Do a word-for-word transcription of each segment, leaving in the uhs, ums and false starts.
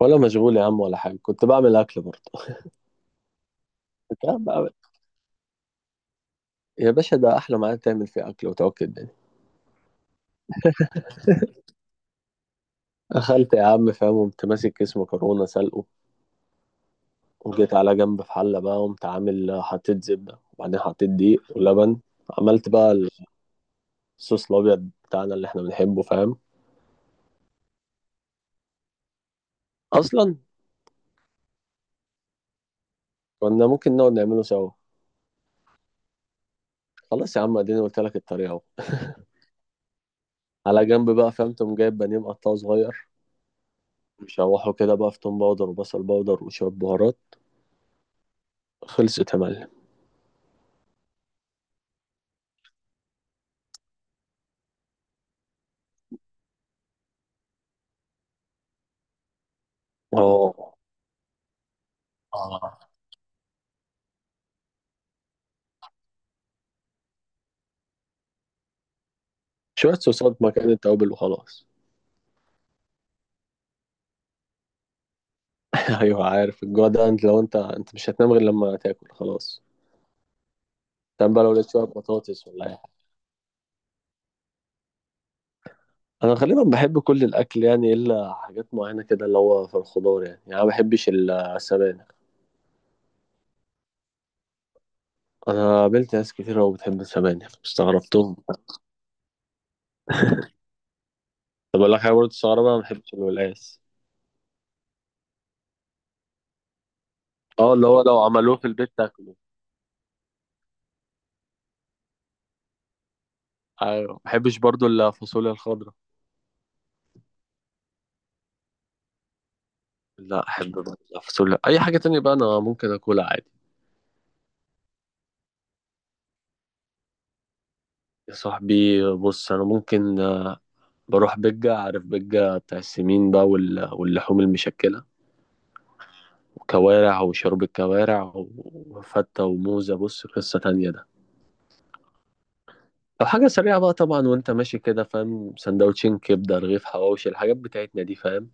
ولا مشغول يا عم، ولا حاجة، كنت بعمل أكل برضه. كنت قاعد بقى- يا باشا، ده أحلى ميعاد تعمل فيه أكل وتوكل الدنيا. أخلت يا عم فاهم، قمت ماسك كيس مكرونة سلقه، وجيت على جنب في حلة بقى، قمت عامل حطيت زبدة، وبعدين حطيت دقيق ولبن، عملت بقى الصوص الأبيض بتاعنا اللي إحنا بنحبه فاهم. أصلا كنا ممكن نقعد نعمله سوا. خلاص يا عم، اديني قلت لك الطريقة أهو. على جنب بقى فاهم، تقوم جايب بانيه مقطعه صغير، مشوحه كده بقى في توم باودر وبصل باودر وشوية بهارات. خلصت يا معلم. اه، شوية صوصات مكان التوابل وخلاص. أيوه، عارف الجوع ده، أنت لو أنت أنت مش هتنام غير لما تاكل خلاص. تمام بقى، لو لقيت شوية بطاطس ولا أي حاجة. أنا غالبا بحب كل الأكل يعني، إلا حاجات معينة كده، اللي هو في الخضار يعني، يعني أنا ما بحبش ال- السبانخ. أنا قابلت ناس كتير أوي بتحب السبانخ، استغربتهم. طب أقول لك حاجة برضه تستغربها، أنا ما بحبش الولاس. أه، اللي هو لو عملوه في البيت تاكله. أيوه، ما بحبش برضه الفاصوليا الخضراء. لا أحب برضه الفاصوليا، أي حاجة تانية بقى أنا ممكن أكلها عادي. يا صاحبي بص، انا ممكن بروح بجة، عارف بجة بتاع السمين بقى وال- واللحوم المشكلة، وكوارع وشرب الكوارع وفتة وموزة. بص قصة تانية ده. أو حاجة سريعة بقى طبعا، وأنت ماشي كده فاهم، سندوتشين كبدة، رغيف حواوشي، الحاجات بتاعتنا دي فاهم.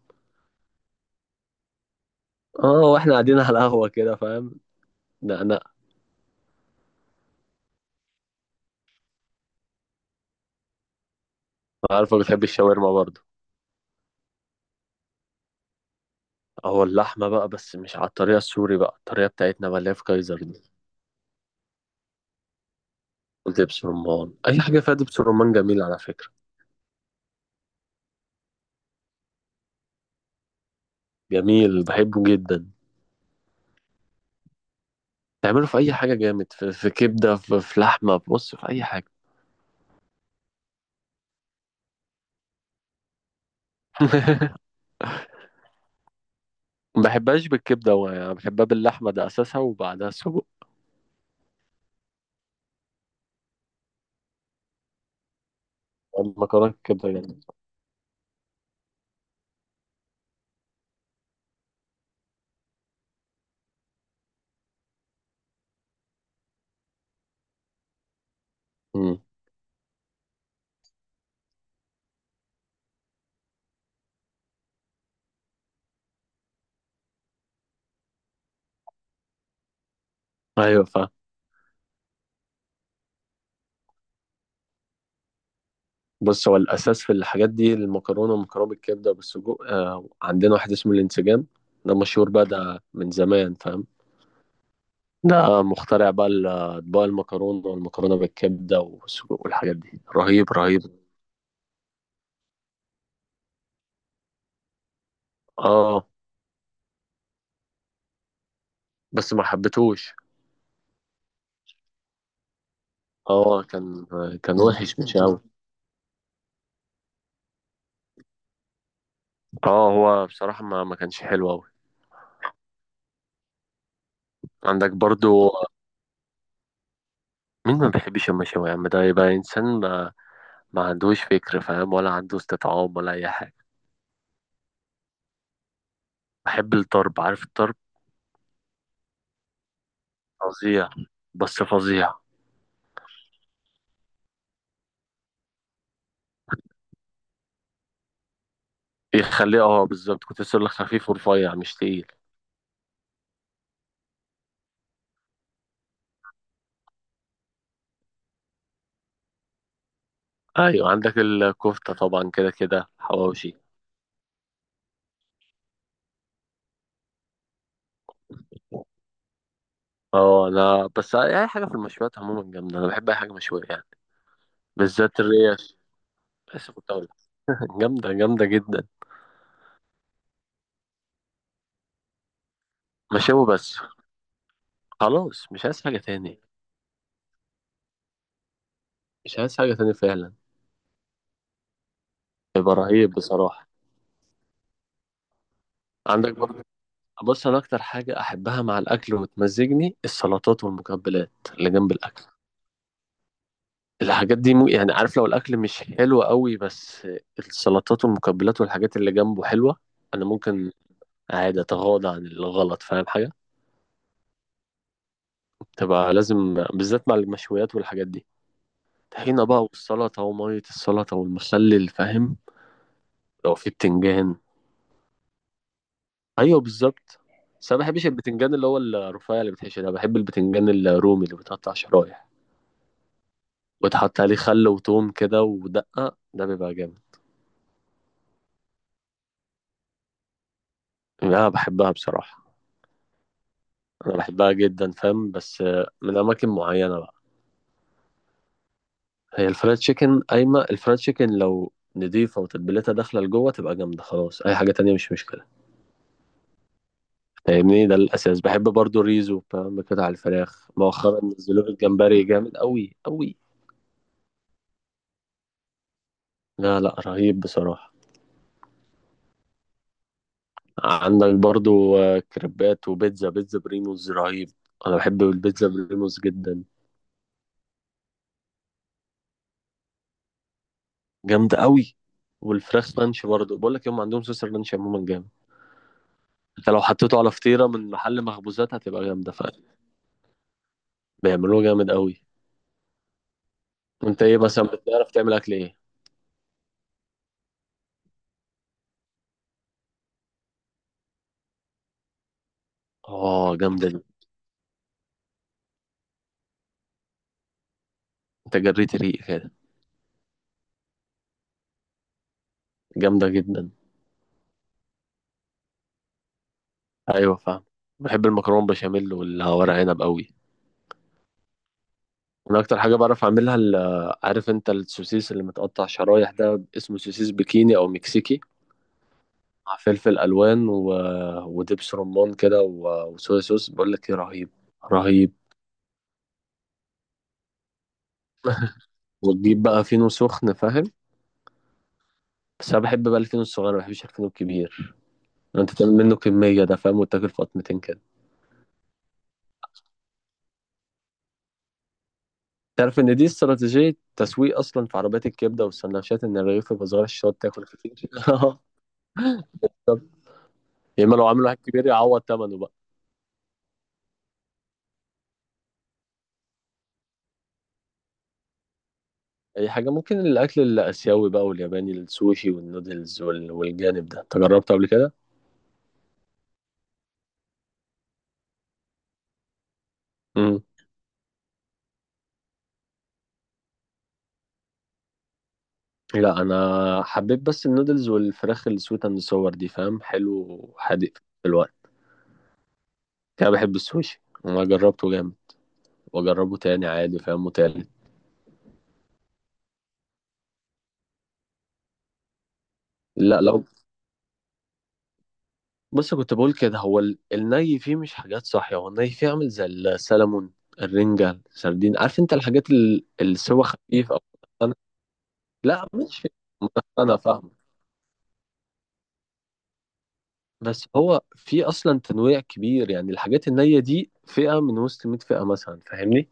اه، واحنا قاعدين على القهوة كده فاهم. لا، لا. أنا عارفة بتحب الشاورما برضه. أو اللحمة بقى، بس مش على الطريقة السوري بقى، الطريقة بتاعتنا بقى اللي هي في كايزر دي، ودبس رمان. أي حاجة فيها دبس رمان جميل، على فكرة. جميل، بحبه جدا. تعمله في اي حاجه جامد، في, في كبده، في, في لحمه، بص في اي حاجه. ما بحبهاش بالكبده، هو يعني بحبها باللحمه، ده اساسها وبعدها سجق. المكرونه كبده جامد. امم. ايوه فاهم. بص، هو الاساس في الحاجات دي، المكرونه والمكرونه بالكبده وبالسجق. آه عندنا واحد اسمه الانسجام، ده مشهور بقى، ده من زمان فاهم. ده مخترع بقى ال- اطباق المكرونه والمكرونه بالكبده والسجق والحاجات دي، رهيب رهيب. اه، بس ما حبيتهوش. اه كان. كان وحش مش قوي. اه، هو بصراحة ما ما كانش حلو أوي. عندك برضو. مين ما بيحبش المشاوي يا عم؟ ده يبقى إنسان ما, ما عندوش فكر فاهم، ولا عنده استطعام ولا أي حاجة. بحب الطرب، عارف الطرب. فظيع. بس فظيع. يخليه، اه، بالظبط، كنت لسه أقولك خفيف ورفيع مش تقيل. أيوة عندك الكفتة طبعا، كده كده حواوشي. اه، أنا بس أي حاجة في المشويات عموما جامدة، أنا بحب أي حاجة مشوية يعني. بالذات الريش. لسه كنت أقولك. جامدة جامدة جدا. مشاوي بس، خلاص مش عايز حاجة تاني. مش عايز حاجة تانية فعلا. هيبقى رهيب بصراحة. عندك برضه. بص، أنا أكتر حاجة أحبها مع الأكل وتمزجني، السلطات والمقبلات اللي جنب الأكل. الحاجات دي مو يعني، عارف، لو الأكل مش حلو قوي، بس السلطات والمقبلات والحاجات اللي جنبه حلوة، أنا ممكن عادي أتغاضى عن الغلط، فاهم حاجة. تبقى لازم بالذات مع المشويات والحاجات دي. طحينة بقى، والسلطة ومية السلطة والمخلل فاهم. لو في بتنجان. ايوه بالظبط. بس انا ما بحبش البتنجان اللي هو الرفيع اللي بتحشي ده، بحب البتنجان الرومي اللي بيتقطع شرايح، وتحط عليه خل وتوم كده ودقة، ده بيبقى جامد. انا بحبها بصراحة. انا بحبها جدا فاهم، بس آه، من اماكن معينة بقى. هي الفرايد تشيكن، قايمة الفرايد تشيكن لو نضيفة وتتبيلتها داخلة لجوه تبقى جامدة، خلاص أي حاجة تانية مش مشكلة. فاهمني، ده الأساس. بحب برضو الريزو فاهم، بقطع الفراخ مؤخرا، نزلوا لي الجمبري جامد أوي أوي. لا لا، رهيب بصراحة. عندك برضو آه، كريبات وبيتزا بيتزا بريموز رهيب. انا بحب البيتزا بريموز جدا. جامده قوي. والفراخ رانش برضو، بقول لك هم عندهم صوص الرانش عموما جامد. انت لو حطيته على فطيره من محل مخبوزات هتبقى جامده فعلا. بيعملوه جامد قوي. انت ايه مثلا بتعرف تعمل اكل ايه؟ اه جامده دي. انت جريت ريق كده. جامده جدا. ايوه فاهم. بحب المكرونه بشاميل والورق عنب قوي. انا اكتر حاجه بعرف اعملها ال- عارف انت السوسيس اللي متقطع شرايح ده اسمه سوسيس بكيني او مكسيكي، مع فلفل الوان و... ودبس رمان كده و... وصويا صوص. بقول لك ايه، رهيب. رهيب. وتجيب بقى فينو سخن فاهم. بس انا بحب بقى الفينو الصغير، ما بحبش الفينو الكبير. انت تعمل منه كميه ده فاهم، وتاكل في قطمتين كده. تعرف ان دي استراتيجيه تسويق اصلا في عربيات الكبده والسندوتشات، ان الرغيف يبقى صغير عشان تقعد تاكل كتير. طب، يا اما لو عامل واحد كبير يعوض ثمنه بقى. اي حاجه ممكن، الاكل الاسيوي بقى والياباني، السوشي والنودلز وال... والجانب ده انت جربته قبل كده؟ مم. لا انا حبيت بس النودلز والفراخ السويت اند صور دي فاهم، حلو وحادق في الوقت. انا بحب السوشي، انا جربته جامد، واجربه تاني عادي فاهم، وتالت. لا لو بص، كنت بقول كده، هو ال- الني فيه مش حاجات صحية، هو الني فيه عامل زي السلمون، الرنجة، السردين، عارف انت الحاجات ال- السوا خفيف او. أنا لا مش انا فاهم. بس هو في اصلا تنويع كبير يعني، الحاجات النية دي فئة من وسط مية فئة مثلا، فاهمني.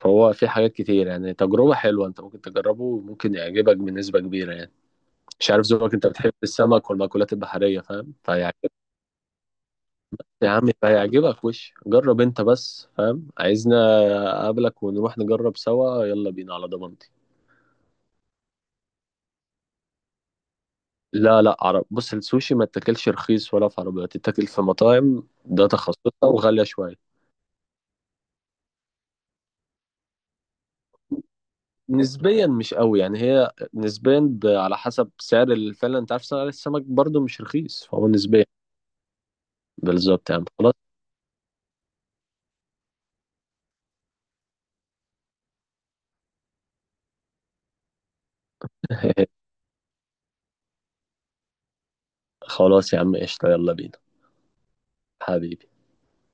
فهو في حاجات كتير يعني، تجربة حلوة انت ممكن تجربه، وممكن يعجبك بنسبة كبيرة يعني. مش عارف ذوقك، انت بتحب السمك والمأكولات البحرية فاهم، فيعجبك. يا عم فيعجبك، وش جرب انت بس فاهم، عايزنا اقابلك ونروح نجرب سوا، يلا بينا على ضمانتي. لا لا، عرب بص السوشي ما تاكلش رخيص، ولا في عربيات تتاكل، في مطاعم، ده تخصصها وغالية شوية. نسبيا مش قوي يعني، هي نسبيا ب- على حسب سعر ال- فعلا، انت عارف سعر السمك برضو مش رخيص، فهو نسبيا. بالظبط يعني خلاص. خلاص يا عم، قشطة، يلا بينا. حبيبي.